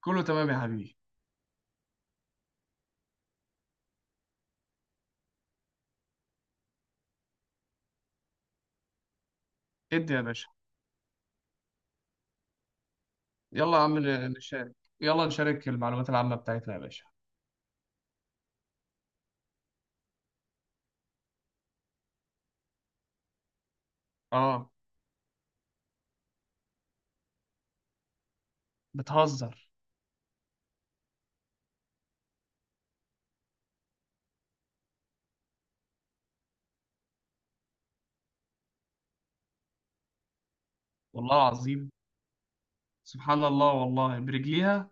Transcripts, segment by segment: كله تمام يا حبيبي. ادي يا باشا. يلا يا عم نشارك. يلا نشارك المعلومات العامة بتاعتنا يا باشا. اه. بتهزر؟ والله العظيم. سبحان الله والله برجليها.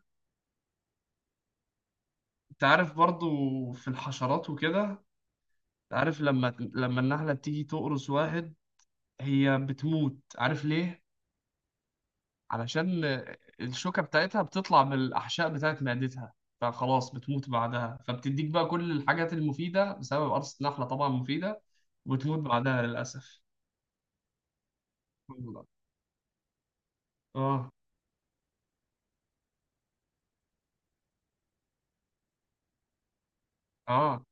انت عارف برضو في الحشرات وكده، انت عارف لما النحلة بتيجي تقرص واحد، هي بتموت، عارف ليه؟ علشان الشوكة بتاعتها بتطلع من الأحشاء بتاعت معدتها، فخلاص بتموت بعدها، فبتديك بقى كل الحاجات المفيدة بسبب قرصة نحلة، طبعا مفيدة، وبتموت بعدها للأسف. اه، اه،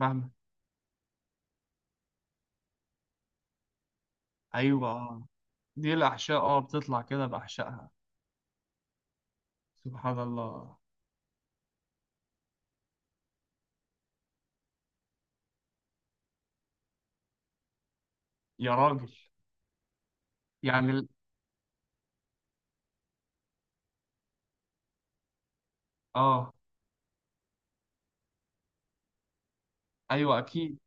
فاهمة. ايوه، اه، دي الاحشاء، اه، بتطلع كده باحشائها. سبحان الله. يا راجل! يعني ال- اه ايوه اكيد.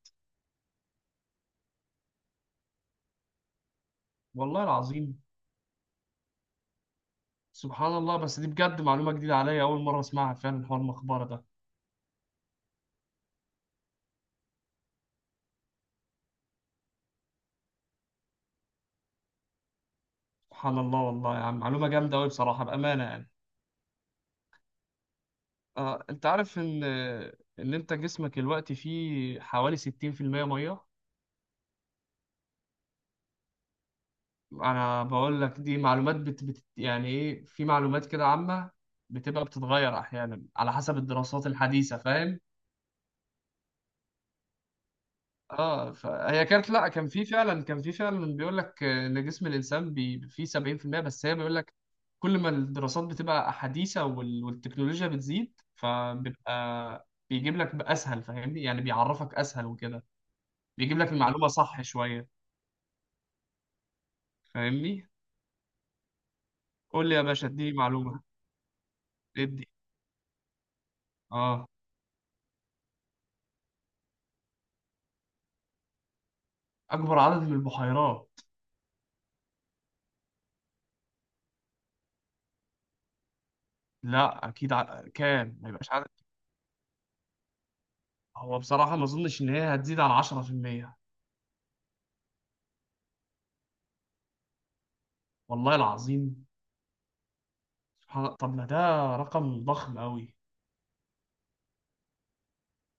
والله العظيم. سبحان الله. بس دي بجد معلومة جديدة عليا، اول مرة اسمعها فعلا، حوار المقبرة ده. سبحان الله والله يا عم، معلومة جامدة قوي بصراحة، بأمانة يعني. اه، انت عارف ان انت جسمك دلوقتي فيه حوالي 60%، مية. انا بقول لك دي معلومات يعني ايه، في معلومات كده عامة بتبقى بتتغير احيانا على حسب الدراسات الحديثة، فاهم؟ اه، فهي كانت، لا، كان في فعلا بيقول لك ان جسم الانسان فيه 70%. بس هي بيقول لك، كل ما الدراسات بتبقى حديثة والتكنولوجيا بتزيد، فبيبقى بيجيب لك اسهل، فاهمني؟ يعني بيعرفك اسهل وكده. بيجيب لك المعلومة صح شوية، فاهمني؟ قول لي يا باشا، اديني معلومة. ادي. اه. اكبر عدد من البحيرات؟ لا، اكيد كام، ما يبقاش عدد. هو بصراحه ما اظنش ان هي هتزيد عن 10%. والله العظيم. سبحان الله، طب ما ده رقم ضخم قوي.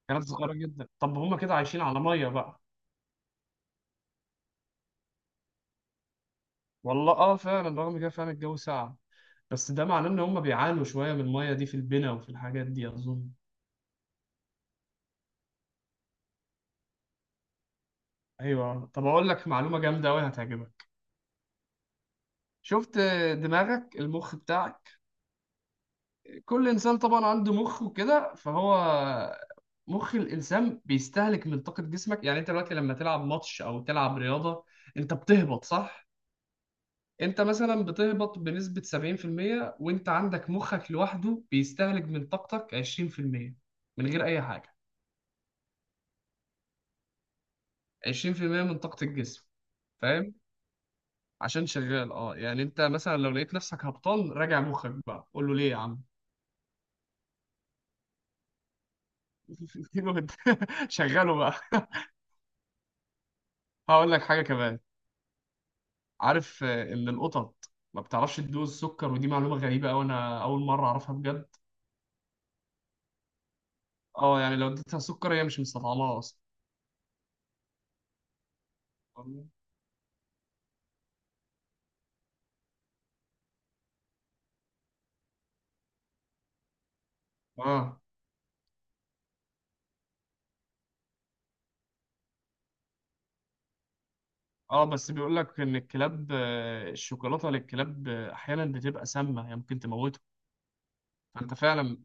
كانت صغيره جدا، طب هما كده عايشين على ميه بقى. والله اه، فعلا رغم كده فعلا الجو ساقع. بس ده معناه ان هما بيعانوا شويه من الميه دي في البنا وفي الحاجات دي، اظن. ايوه. طب اقول لك معلومه جامده قوي، هتعجبك. شفت؟ دماغك، المخ بتاعك. كل انسان طبعا عنده مخ وكده، فهو مخ الانسان بيستهلك من طاقه جسمك. يعني انت دلوقتي لما تلعب ماتش او تلعب رياضه، انت بتهبط، صح؟ انت مثلا بتهبط بنسبه 70%، وانت عندك مخك لوحده بيستهلك من طاقتك 20% من غير اي حاجه. 20% من طاقه الجسم. فاهم؟ عشان شغال، اه، يعني انت مثلا لو لقيت نفسك هبطان، راجع مخك بقى، قول له ليه يا عم. شغله بقى. هقول لك حاجه كمان. عارف ان القطط ما بتعرفش تدوز السكر؟ ودي معلومه غريبه قوي، انا اول مره اعرفها بجد. اه، يعني لو اديتها سكر هي مش مستطعمها اصلا. اه. اه، بس بيقول لك ان الكلاب، الشوكولاته للكلاب احيانا بتبقى سامه، هي ممكن تموتهم. فانت فعلا،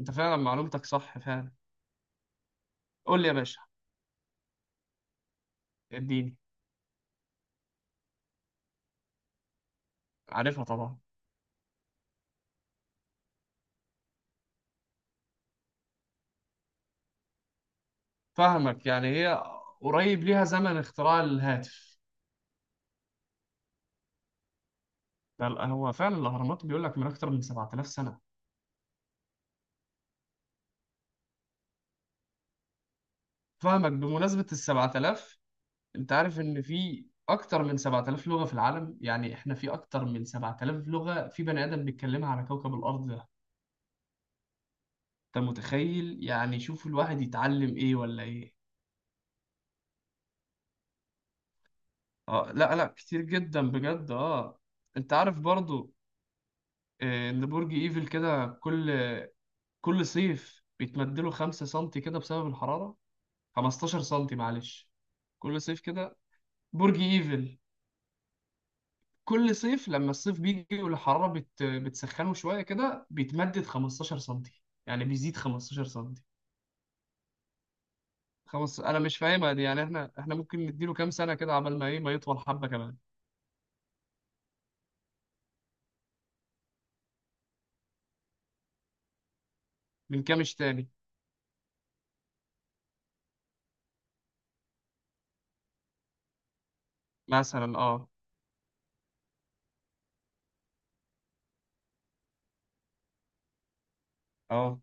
انت فعلا معلومتك صح فعلا. قول لي يا باشا، اديني. عارفها طبعا. فاهمك، يعني هي قريب ليها زمن اختراع الهاتف. ده هو فعلا الاهرامات بيقول لك من اكتر من 7000 سنه. فاهمك. بمناسبه ال 7000، انت عارف ان في اكتر من 7000 لغة في العالم؟ يعني احنا في اكتر من 7000 لغة في بني ادم بيتكلمها على كوكب الارض ده. انت متخيل؟ يعني شوف، الواحد يتعلم ايه ولا ايه؟ اه، لا لا، كتير جدا بجد، اه. انت عارف برضو ان برج ايفل كده، كل صيف بيتمدله 5 سم كده بسبب الحرارة؟ 15 سم، معلش. كل صيف كده. برج ايفل، كل صيف لما الصيف بيجي والحرارة بتسخنه شوية كده، بيتمدد 15 سنتي، يعني بيزيد 15 سنتي. خمس، أنا مش فاهمها دي، يعني إحنا ممكن نديله كام سنة كده، عبال ما إيه، ما يطول حبة كمان. من كامش تاني؟ مثلا، أه. أه.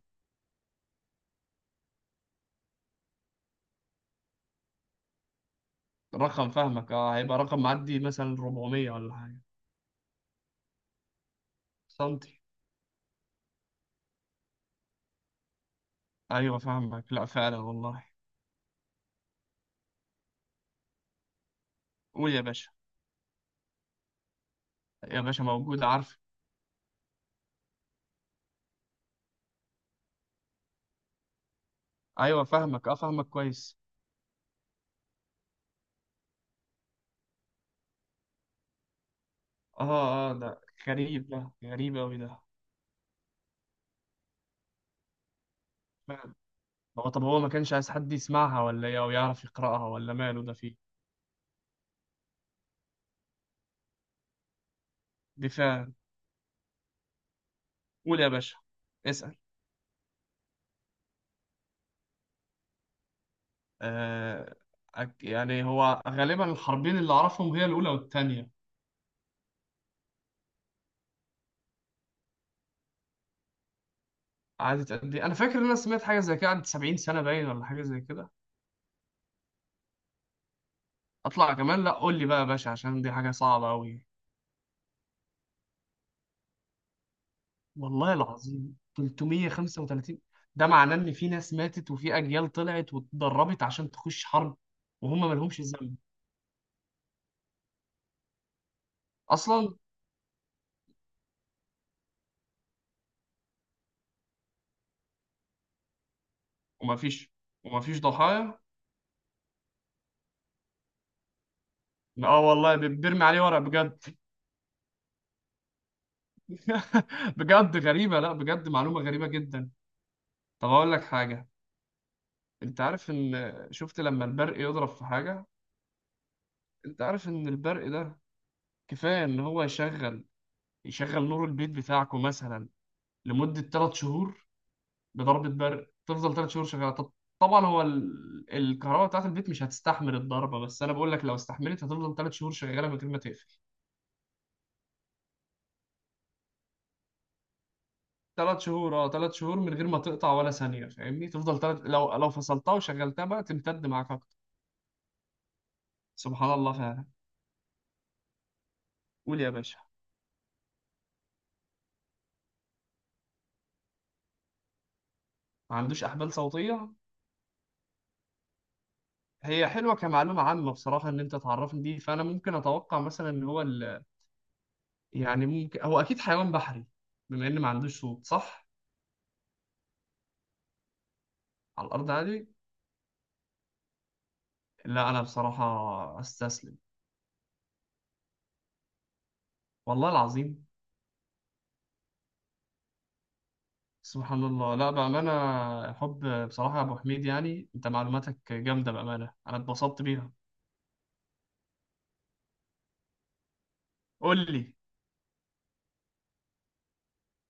رقم، فاهمك، أه، هيبقى رقم معدي مثلا 400 ولا حاجة. سنتي. أيوه فاهمك، لأ فعلا والله. قول يا باشا. يا باشا موجود، عارف. أيوه فاهمك، أه، فاهمك كويس. أه، أه، ده غريب، ده غريب أوي ده. هو طب هو ما كانش عايز حد يسمعها ولا ايه؟ او يعرف يقرأها، ولا ماله ده فيه. دفاع. قول يا باشا. اسأل. آه يعني هو غالبا الحربين اللي اعرفهم هي الاولى والثانيه. قعدت قد ايه؟ انا فاكر ان انا سمعت حاجه زي كده، قعدت 70 سنه باين، ولا حاجه زي كده. اطلع كمان، لا، قول لي بقى يا باشا عشان دي حاجه صعبه قوي. والله العظيم، 335؟ ده معناه ان في ناس ماتت، وفي اجيال طلعت واتدربت عشان تخش حرب. وهم ما لهمش ذنب. اصلا. وما فيش، وما فيش ضحايا؟ اه والله، بيرمي عليه ورق بجد. بجد غريبة، لا، بجد معلومة غريبة جدا. طب اقول لك حاجة. انت عارف، ان شفت لما البرق يضرب في حاجة؟ انت عارف ان البرق ده كفاية ان هو يشغل نور البيت بتاعكم مثلا لمدة 3 شهور؟ بضربة برق تفضل 3 شهور شغالة، طب. طبعا هو الكهرباء بتاعت البيت مش هتستحمل الضربة، بس انا بقول لك لو استحملت هتفضل 3 شهور شغالة من غير ما تقفل. ثلاث شهور، اه، ثلاث شهور من غير ما تقطع ولا ثانية، فاهمني؟ تفضل، لو فصلتها وشغلتها بقى تمتد معاك أكتر. سبحان الله فعلا. قول يا باشا. ما عندوش أحبال صوتية؟ هي حلوة كمعلومة عامة بصراحة، إن أنت تعرفني دي، فأنا ممكن أتوقع مثلا إن هو يعني ممكن هو أكيد حيوان بحري، بما إن ما عندوش صوت، صح؟ على الأرض عادي. لا، أنا بصراحة أستسلم. والله العظيم. سبحان الله. لا بأمانة، حب بصراحة يا أبو حميد، يعني أنت معلوماتك جامدة، بأمانة أنا اتبسطت بيها. قول لي.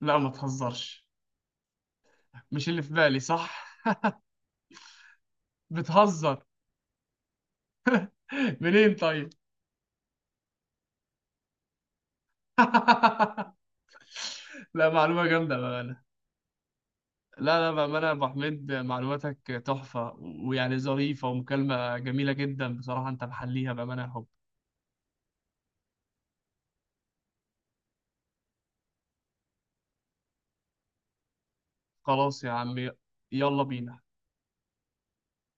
لا، ما تهزرش. مش اللي في بالي، صح؟ بتهزر! منين طيب؟ لا، معلومة جامدة بأمانة. لا لا، بأمانة يا أبو حميد، معلوماتك تحفة، ويعني ظريفة، ومكالمة جميلة جدا بصراحة، أنت محليها، بأمانة يا حب. خلاص يا عمي. يلا بينا.